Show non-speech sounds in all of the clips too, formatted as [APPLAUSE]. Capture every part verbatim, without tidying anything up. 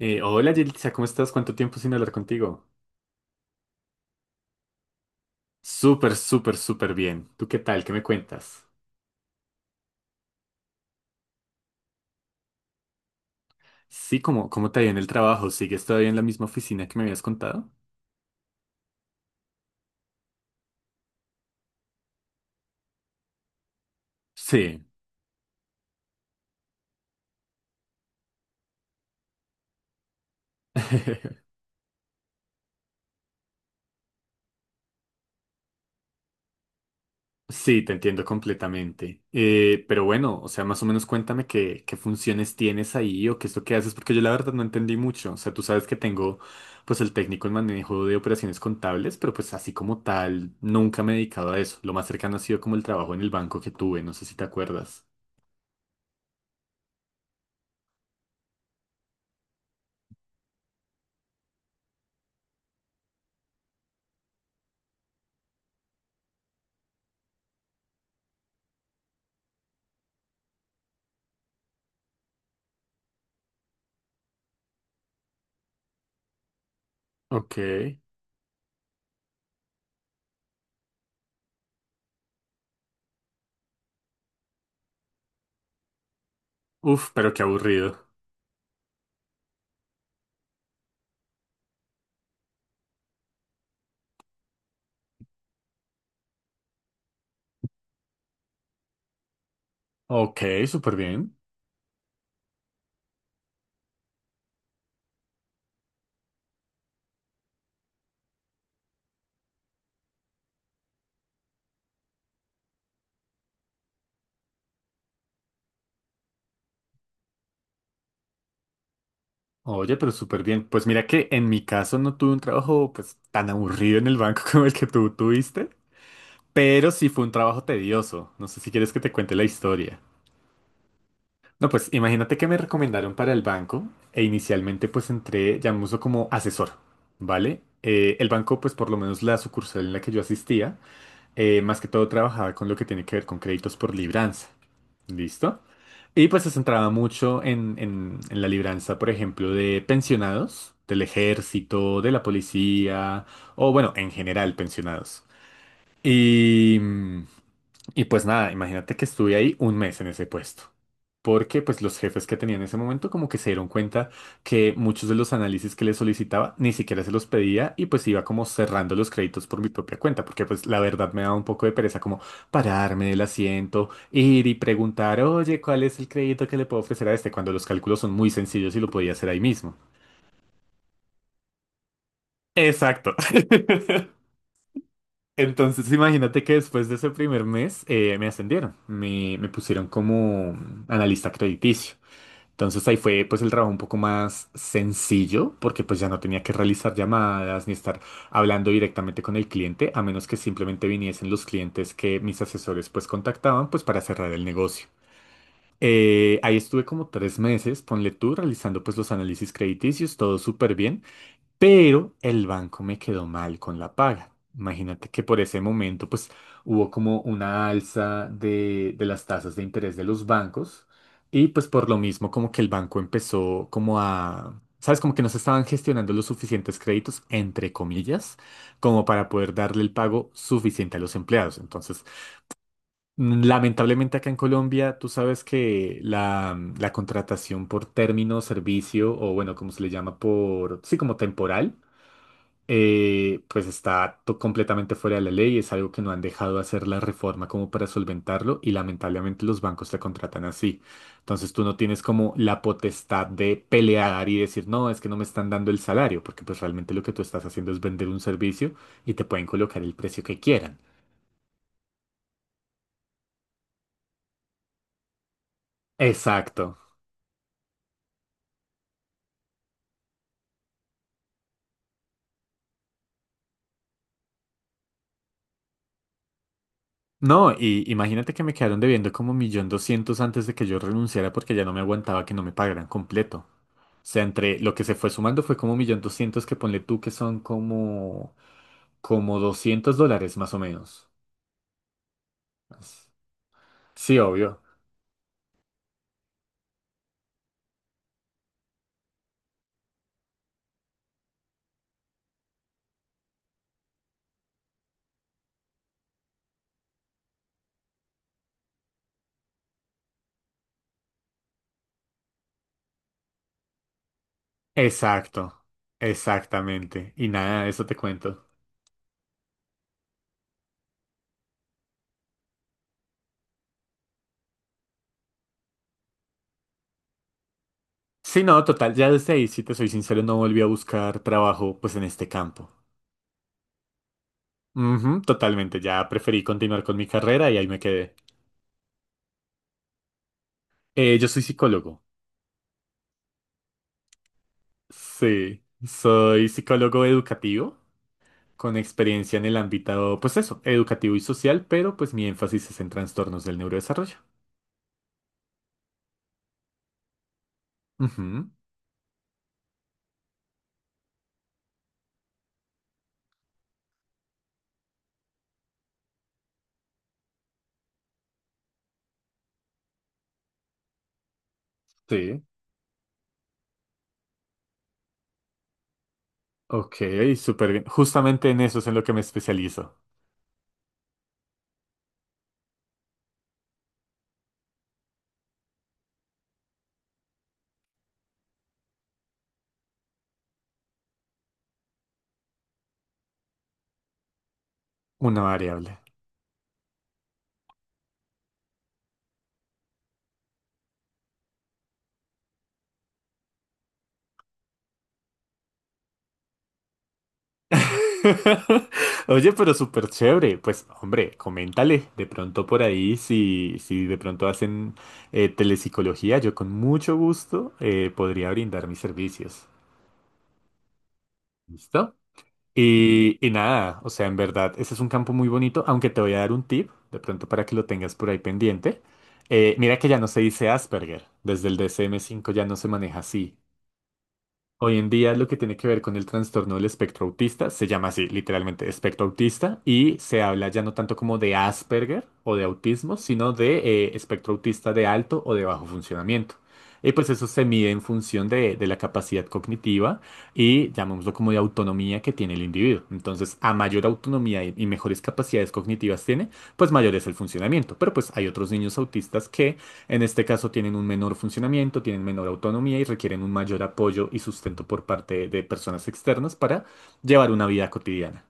Eh, hola Yelitza, ¿cómo estás? ¿Cuánto tiempo sin hablar contigo? Súper, súper, súper bien. ¿Tú qué tal? ¿Qué me cuentas? Sí, ¿cómo, cómo te ha ido en el trabajo? ¿Sigues todavía en la misma oficina que me habías contado? Sí. [LAUGHS] Sí, te entiendo completamente. Eh, pero bueno, o sea, más o menos cuéntame qué, qué funciones tienes ahí o qué es lo que haces, porque yo la verdad no entendí mucho. O sea, tú sabes que tengo pues el técnico en manejo de operaciones contables, pero pues así como tal, nunca me he dedicado a eso. Lo más cercano ha sido como el trabajo en el banco que tuve, no sé si te acuerdas. Ok. Uf, pero qué aburrido. Ok, súper bien. Oye, pero súper bien. Pues mira que en mi caso no tuve un trabajo pues tan aburrido en el banco [LAUGHS] como el que tú tuviste, pero sí fue un trabajo tedioso. No sé si quieres que te cuente la historia. No, pues imagínate que me recomendaron para el banco e inicialmente pues entré, llamémoslo como asesor, ¿vale? Eh, el banco, pues por lo menos la sucursal en la que yo asistía, eh, más que todo trabajaba con lo que tiene que ver con créditos por libranza. ¿Listo? Y pues se centraba mucho en, en- en la libranza, por ejemplo, de pensionados, del ejército, de la policía, o bueno, en general pensionados. Y, mm, y pues nada, imagínate que estuve ahí un mes en ese puesto. Porque pues los jefes que tenía en ese momento como que se dieron cuenta que muchos de los análisis que les solicitaba ni siquiera se los pedía y pues iba como cerrando los créditos por mi propia cuenta, porque pues la verdad me daba un poco de pereza como pararme del asiento, ir y preguntar, oye, ¿cuál es el crédito que le puedo ofrecer a este? Cuando los cálculos son muy sencillos y lo podía hacer ahí mismo. Exacto. [LAUGHS] Entonces, imagínate que después de ese primer mes eh, me ascendieron, me, me pusieron como analista crediticio. Entonces ahí fue pues el trabajo un poco más sencillo porque pues ya no tenía que realizar llamadas ni estar hablando directamente con el cliente a menos que simplemente viniesen los clientes que mis asesores pues contactaban pues para cerrar el negocio. Eh, ahí estuve como tres meses, ponle tú, realizando pues los análisis crediticios, todo súper bien. Pero el banco me quedó mal con la paga. Imagínate que por ese momento pues hubo como una alza de, de las tasas de interés de los bancos y pues por lo mismo como que el banco empezó como a, ¿sabes? Como que no se estaban gestionando los suficientes créditos, entre comillas, como para poder darle el pago suficiente a los empleados. Entonces, mm, lamentablemente acá en Colombia tú sabes que la, la contratación por término, servicio o bueno, como se le llama por, sí, como temporal, eh, pues está to- completamente fuera de la ley, es algo que no han dejado hacer la reforma como para solventarlo y lamentablemente los bancos te contratan así. Entonces tú no tienes como la potestad de pelear y decir, no, es que no me están dando el salario, porque pues realmente lo que tú estás haciendo es vender un servicio y te pueden colocar el precio que quieran. Exacto. No, y imagínate que me quedaron debiendo como un millón doscientos antes de que yo renunciara porque ya no me aguantaba que no me pagaran completo. O sea, entre lo que se fue sumando fue como un millón doscientos que ponle tú que son como, como doscientos dólares más o menos. Sí, obvio. Exacto. Exactamente. Y nada, eso te cuento. Sí, no, total, ya desde ahí, si te soy sincero, no volví a buscar trabajo pues en este campo. Ujú, totalmente, ya preferí continuar con mi carrera y ahí me quedé. Eh, yo soy psicólogo. Sí, soy psicólogo educativo, con experiencia en el ámbito, pues eso, educativo y social, pero pues mi énfasis es en trastornos del neurodesarrollo. Ujú. Sí. Ok, súper bien. Justamente en eso es en lo que me especializo. Una variable. [LAUGHS] Oye, pero súper chévere. Pues, hombre, coméntale de pronto por ahí si, si de pronto hacen eh, telepsicología. Yo con mucho gusto eh, podría brindar mis servicios. ¿Listo? Y, y nada, o sea, en verdad, ese es un campo muy bonito, aunque te voy a dar un tip, de pronto para que lo tengas por ahí pendiente. Eh, mira que ya no se dice Asperger, desde el d s m cinco ya no se maneja así. Hoy en día lo que tiene que ver con el trastorno del espectro autista se llama así, literalmente, espectro autista, y se habla ya no tanto como de Asperger o de autismo, sino de eh, espectro autista de alto o de bajo funcionamiento. Y pues eso se mide en función de, de la capacidad cognitiva y llamémoslo como de autonomía que tiene el individuo. Entonces, a mayor autonomía y, y mejores capacidades cognitivas tiene, pues mayor es el funcionamiento. Pero pues hay otros niños autistas que en este caso tienen un menor funcionamiento, tienen menor autonomía y requieren un mayor apoyo y sustento por parte de personas externas para llevar una vida cotidiana.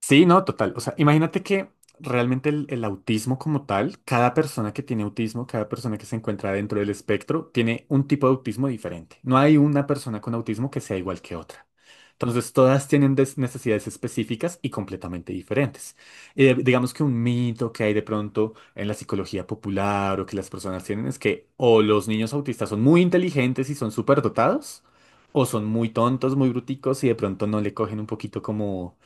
Sí, no, total. O sea, imagínate que realmente el, el autismo como tal, cada persona que tiene autismo, cada persona que se encuentra dentro del espectro, tiene un tipo de autismo diferente. No hay una persona con autismo que sea igual que otra. Entonces, todas tienen des- necesidades específicas y completamente diferentes. Eh, digamos que un mito que hay de pronto en la psicología popular o que las personas tienen es que o los niños autistas son muy inteligentes y son súper dotados, o son muy tontos, muy bruticos y de pronto no le cogen un poquito como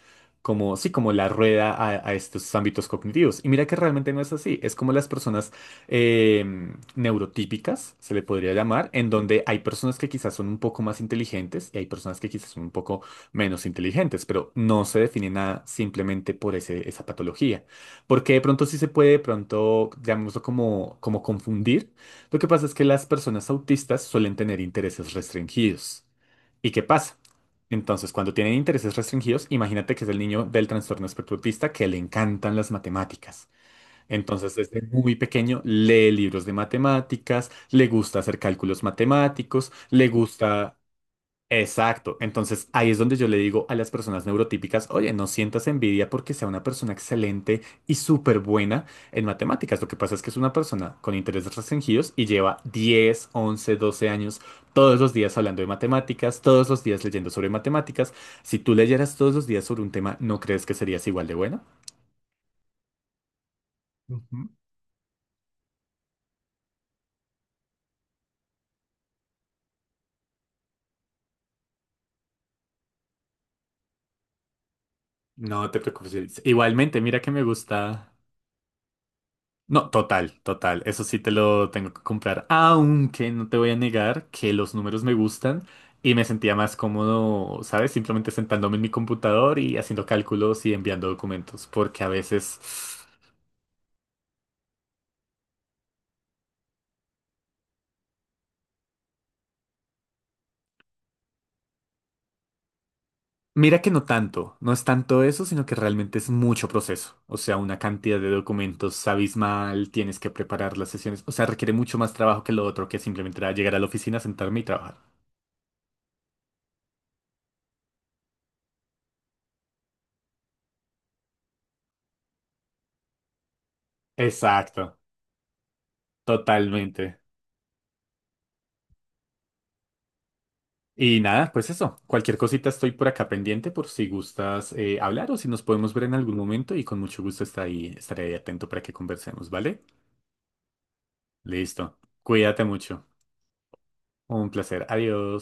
como, sí, como la rueda a, a estos ámbitos cognitivos. Y mira que realmente no es así. Es como las personas em, neurotípicas, se le podría llamar, en donde hay personas que quizás son un poco más inteligentes y hay personas que quizás son un poco menos inteligentes, pero no se define nada simplemente por ese, esa patología. Porque de pronto sí se puede, de pronto, llamémoslo como, como confundir. Lo que pasa es que las personas autistas suelen tener intereses restringidos. ¿Y qué pasa? Entonces, cuando tienen intereses restringidos, imagínate que es el niño del trastorno espectro autista que le encantan las matemáticas. Entonces, desde muy pequeño lee libros de matemáticas, le gusta hacer cálculos matemáticos, le gusta. Exacto. Entonces ahí es donde yo le digo a las personas neurotípicas, oye, no sientas envidia porque sea una persona excelente y súper buena en matemáticas. Lo que pasa es que es una persona con intereses restringidos y lleva diez, once, doce años todos los días hablando de matemáticas, todos los días leyendo sobre matemáticas. Si tú leyeras todos los días sobre un tema, ¿no crees que serías igual de bueno? Ujú. No te preocupes. Igualmente, mira que me gusta. No, total, total. Eso sí te lo tengo que comprar. Aunque no te voy a negar que los números me gustan y me sentía más cómodo, ¿sabes? Simplemente sentándome en mi computador y haciendo cálculos y enviando documentos. Porque a veces, mira que no tanto. No es tanto eso, sino que realmente es mucho proceso. O sea, una cantidad de documentos abismal, tienes que preparar las sesiones. O sea, requiere mucho más trabajo que lo otro, que simplemente era llegar a la oficina, sentarme y trabajar. Exacto, totalmente. Y nada, pues eso. Cualquier cosita estoy por acá pendiente por si gustas eh, hablar o si nos podemos ver en algún momento y con mucho gusto estaré ahí, estaré ahí atento para que conversemos, ¿vale? Listo. Cuídate mucho. Un placer. Adiós.